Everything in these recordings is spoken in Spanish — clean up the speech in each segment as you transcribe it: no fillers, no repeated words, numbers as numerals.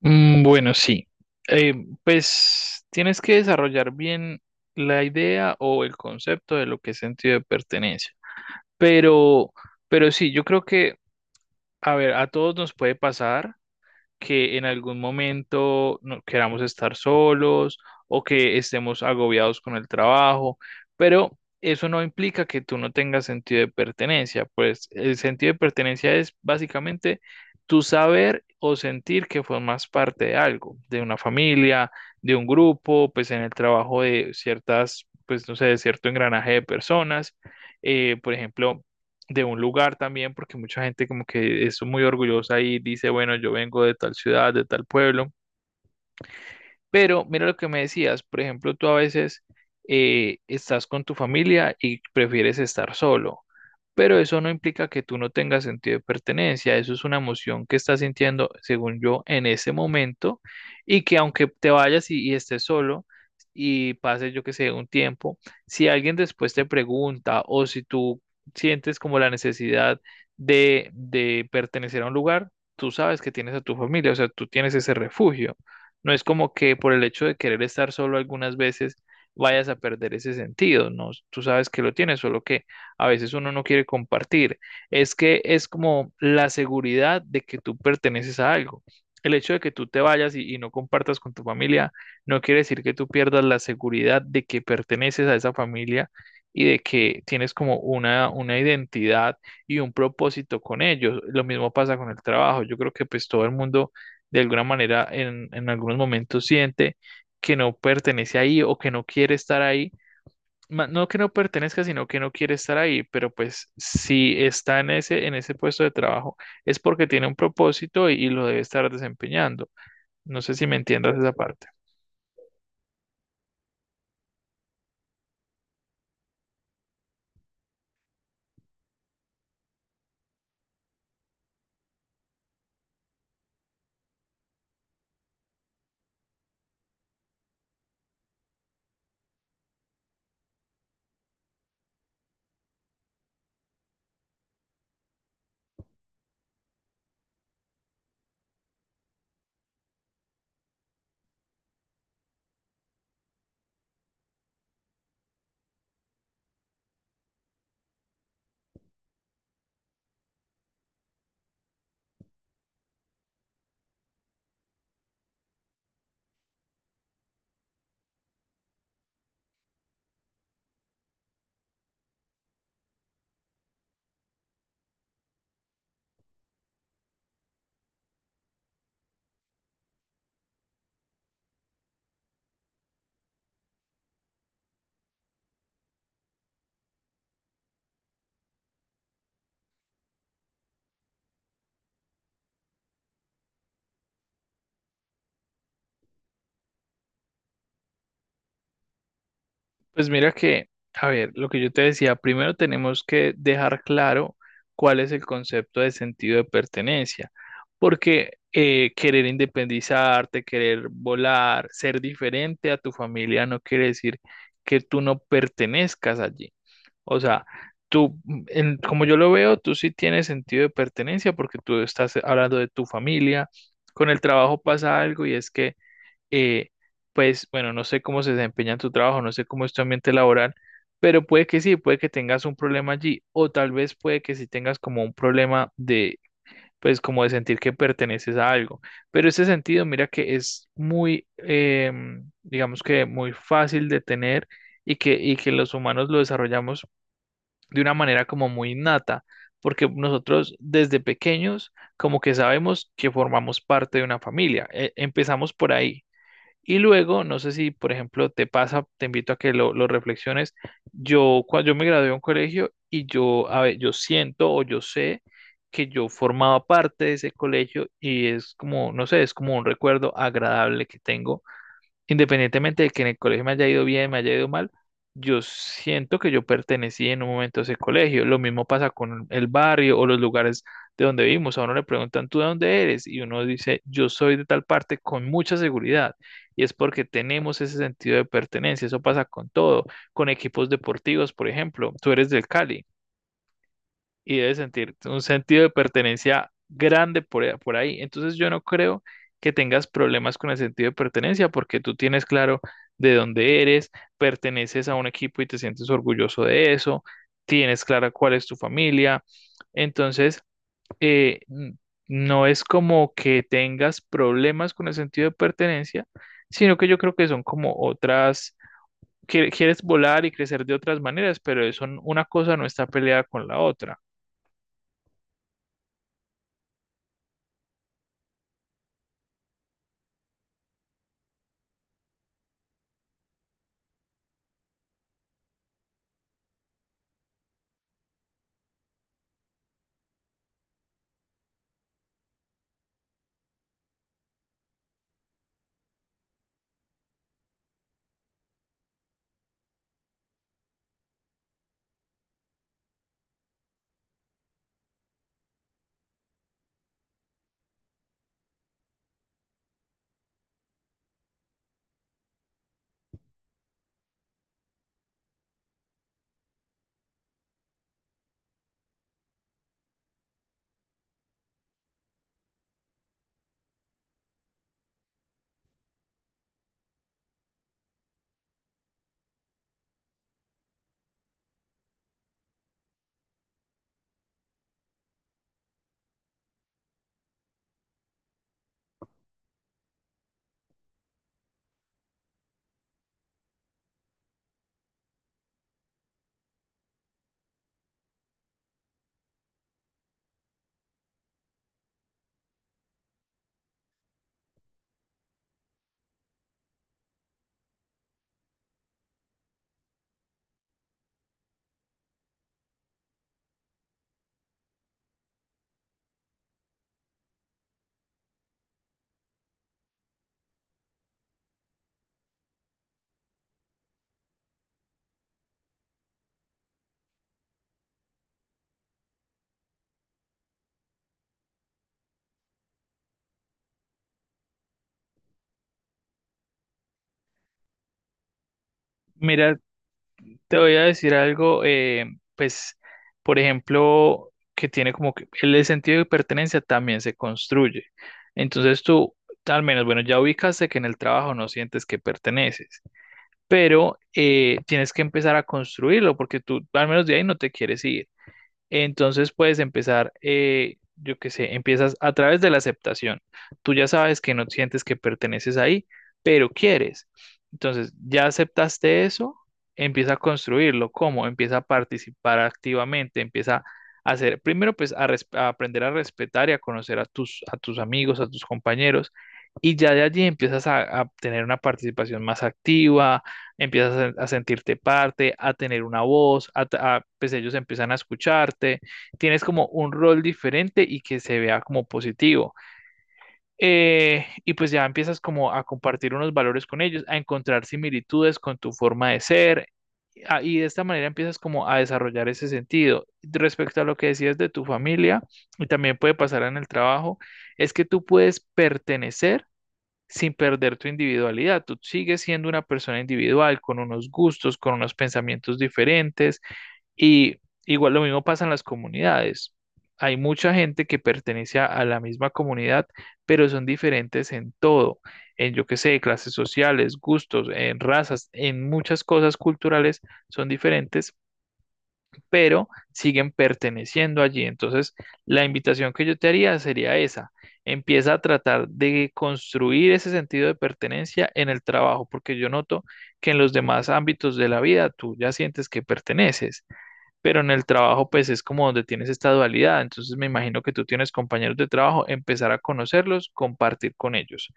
Mm, bueno, sí. Eh, pues tienes que desarrollar bien la idea o el concepto de lo que es sentido de pertenencia. Pero, pero sí, yo creo que, a ver, a todos nos puede pasar que en algún momento no queramos estar solos o que estemos agobiados con el trabajo, pero eso no implica que tú no tengas sentido de pertenencia, pues el sentido de pertenencia es básicamente tu saber o sentir que formas parte de algo, de una familia, de un grupo, pues en el trabajo de ciertas, pues no sé, de cierto engranaje de personas. Por ejemplo, de un lugar también, porque mucha gente como que es muy orgullosa y dice, bueno, yo vengo de tal ciudad, de tal pueblo, pero mira lo que me decías, por ejemplo, tú a veces estás con tu familia y prefieres estar solo, pero eso no implica que tú no tengas sentido de pertenencia, eso es una emoción que estás sintiendo, según yo, en ese momento y que aunque te vayas y estés solo y pase, yo que sé, un tiempo, si alguien después te pregunta o si tú sientes como la necesidad de pertenecer a un lugar, tú sabes que tienes a tu familia, o sea, tú tienes ese refugio. No es como que por el hecho de querer estar solo algunas veces vayas a perder ese sentido, ¿no? Tú sabes que lo tienes, solo que a veces uno no quiere compartir. Es que es como la seguridad de que tú perteneces a algo. El hecho de que tú te vayas y no compartas con tu familia no quiere decir que tú pierdas la seguridad de que perteneces a esa familia y de que tienes como una identidad y un propósito con ellos. Lo mismo pasa con el trabajo. Yo creo que pues todo el mundo de alguna manera en algunos momentos siente que no pertenece ahí o que no quiere estar ahí. No que no pertenezca, sino que no quiere estar ahí, pero pues si está en ese puesto de trabajo es porque tiene un propósito y lo debe estar desempeñando. No sé si me entiendas esa parte. Pues mira que, a ver, lo que yo te decía, primero tenemos que dejar claro cuál es el concepto de sentido de pertenencia, porque querer independizarte, querer volar, ser diferente a tu familia no quiere decir que tú no pertenezcas allí. O sea, tú, como yo lo veo, tú sí tienes sentido de pertenencia porque tú estás hablando de tu familia. Con el trabajo pasa algo y es que eh, pues bueno, no sé cómo se desempeña en tu trabajo, no sé cómo es tu ambiente laboral, pero puede que sí, puede que tengas un problema allí, o tal vez puede que sí tengas como un problema de, pues como de sentir que perteneces a algo. Pero ese sentido, mira que es muy, digamos que muy fácil de tener y que los humanos lo desarrollamos de una manera como muy innata, porque nosotros desde pequeños como que sabemos que formamos parte de una familia, empezamos por ahí y luego, no sé si, por ejemplo, te pasa, te invito a que lo reflexiones. Yo, cuando yo me gradué de un colegio y yo, a ver, yo siento o yo sé que yo formaba parte de ese colegio y es como, no sé, es como un recuerdo agradable que tengo. Independientemente de que en el colegio me haya ido bien, me haya ido mal, yo siento que yo pertenecí en un momento a ese colegio. Lo mismo pasa con el barrio o los lugares de donde vivimos. A uno le preguntan, ¿tú de dónde eres? Y uno dice, yo soy de tal parte con mucha seguridad. Y es porque tenemos ese sentido de pertenencia. Eso pasa con todo, con equipos deportivos, por ejemplo. Tú eres del Cali y debe sentir un sentido de pertenencia grande por ahí. Entonces yo no creo que tengas problemas con el sentido de pertenencia porque tú tienes claro de dónde eres, perteneces a un equipo y te sientes orgulloso de eso, tienes clara cuál es tu familia. Entonces, eh, n- no es como que tengas problemas con el sentido de pertenencia, sino que yo creo que son como otras, que quieres volar y crecer de otras maneras, pero eso, una cosa no está peleada con la otra. Mira, te voy a decir algo, pues, por ejemplo, que tiene como que el sentido de pertenencia también se construye. Entonces tú, al menos, bueno, ya ubicaste que en el trabajo no sientes que perteneces, pero tienes que empezar a construirlo porque tú, al menos de ahí, no te quieres ir. Entonces puedes empezar, yo qué sé, empiezas a través de la aceptación. Tú ya sabes que no sientes que perteneces ahí, pero quieres. Entonces, ya aceptaste eso, empieza a construirlo. ¿Cómo? Empieza a participar activamente, empieza a hacer, primero pues a, a aprender a respetar y a conocer a tus amigos, a tus compañeros. Y ya de allí empiezas a tener una participación más activa, empiezas a sentirte parte, a tener una voz, pues ellos empiezan a escucharte, tienes como un rol diferente y que se vea como positivo. Y pues ya empiezas como a compartir unos valores con ellos, a encontrar similitudes con tu forma de ser. Y de esta manera empiezas como a desarrollar ese sentido. Respecto a lo que decías de tu familia, y también puede pasar en el trabajo, es que tú puedes pertenecer sin perder tu individualidad. Tú sigues siendo una persona individual, con unos gustos, con unos pensamientos diferentes y igual lo mismo pasa en las comunidades. Hay mucha gente que pertenece a la misma comunidad, pero son diferentes en todo, en yo qué sé, clases sociales, gustos, en razas, en muchas cosas culturales son diferentes, pero siguen perteneciendo allí. Entonces, la invitación que yo te haría sería esa. Empieza a tratar de construir ese sentido de pertenencia en el trabajo, porque yo noto que en los demás ámbitos de la vida tú ya sientes que perteneces, pero en el trabajo pues es como donde tienes esta dualidad. Entonces, me imagino que tú tienes compañeros de trabajo, empezar a conocerlos, compartir con ellos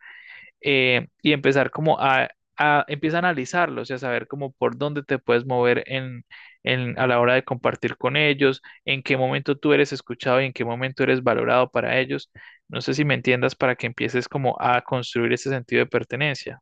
y empezar como a, empieza a analizarlos y a saber como por dónde te puedes mover a la hora de compartir con ellos, en qué momento tú eres escuchado y en qué momento eres valorado para ellos. No sé si me entiendas para que empieces como a construir ese sentido de pertenencia.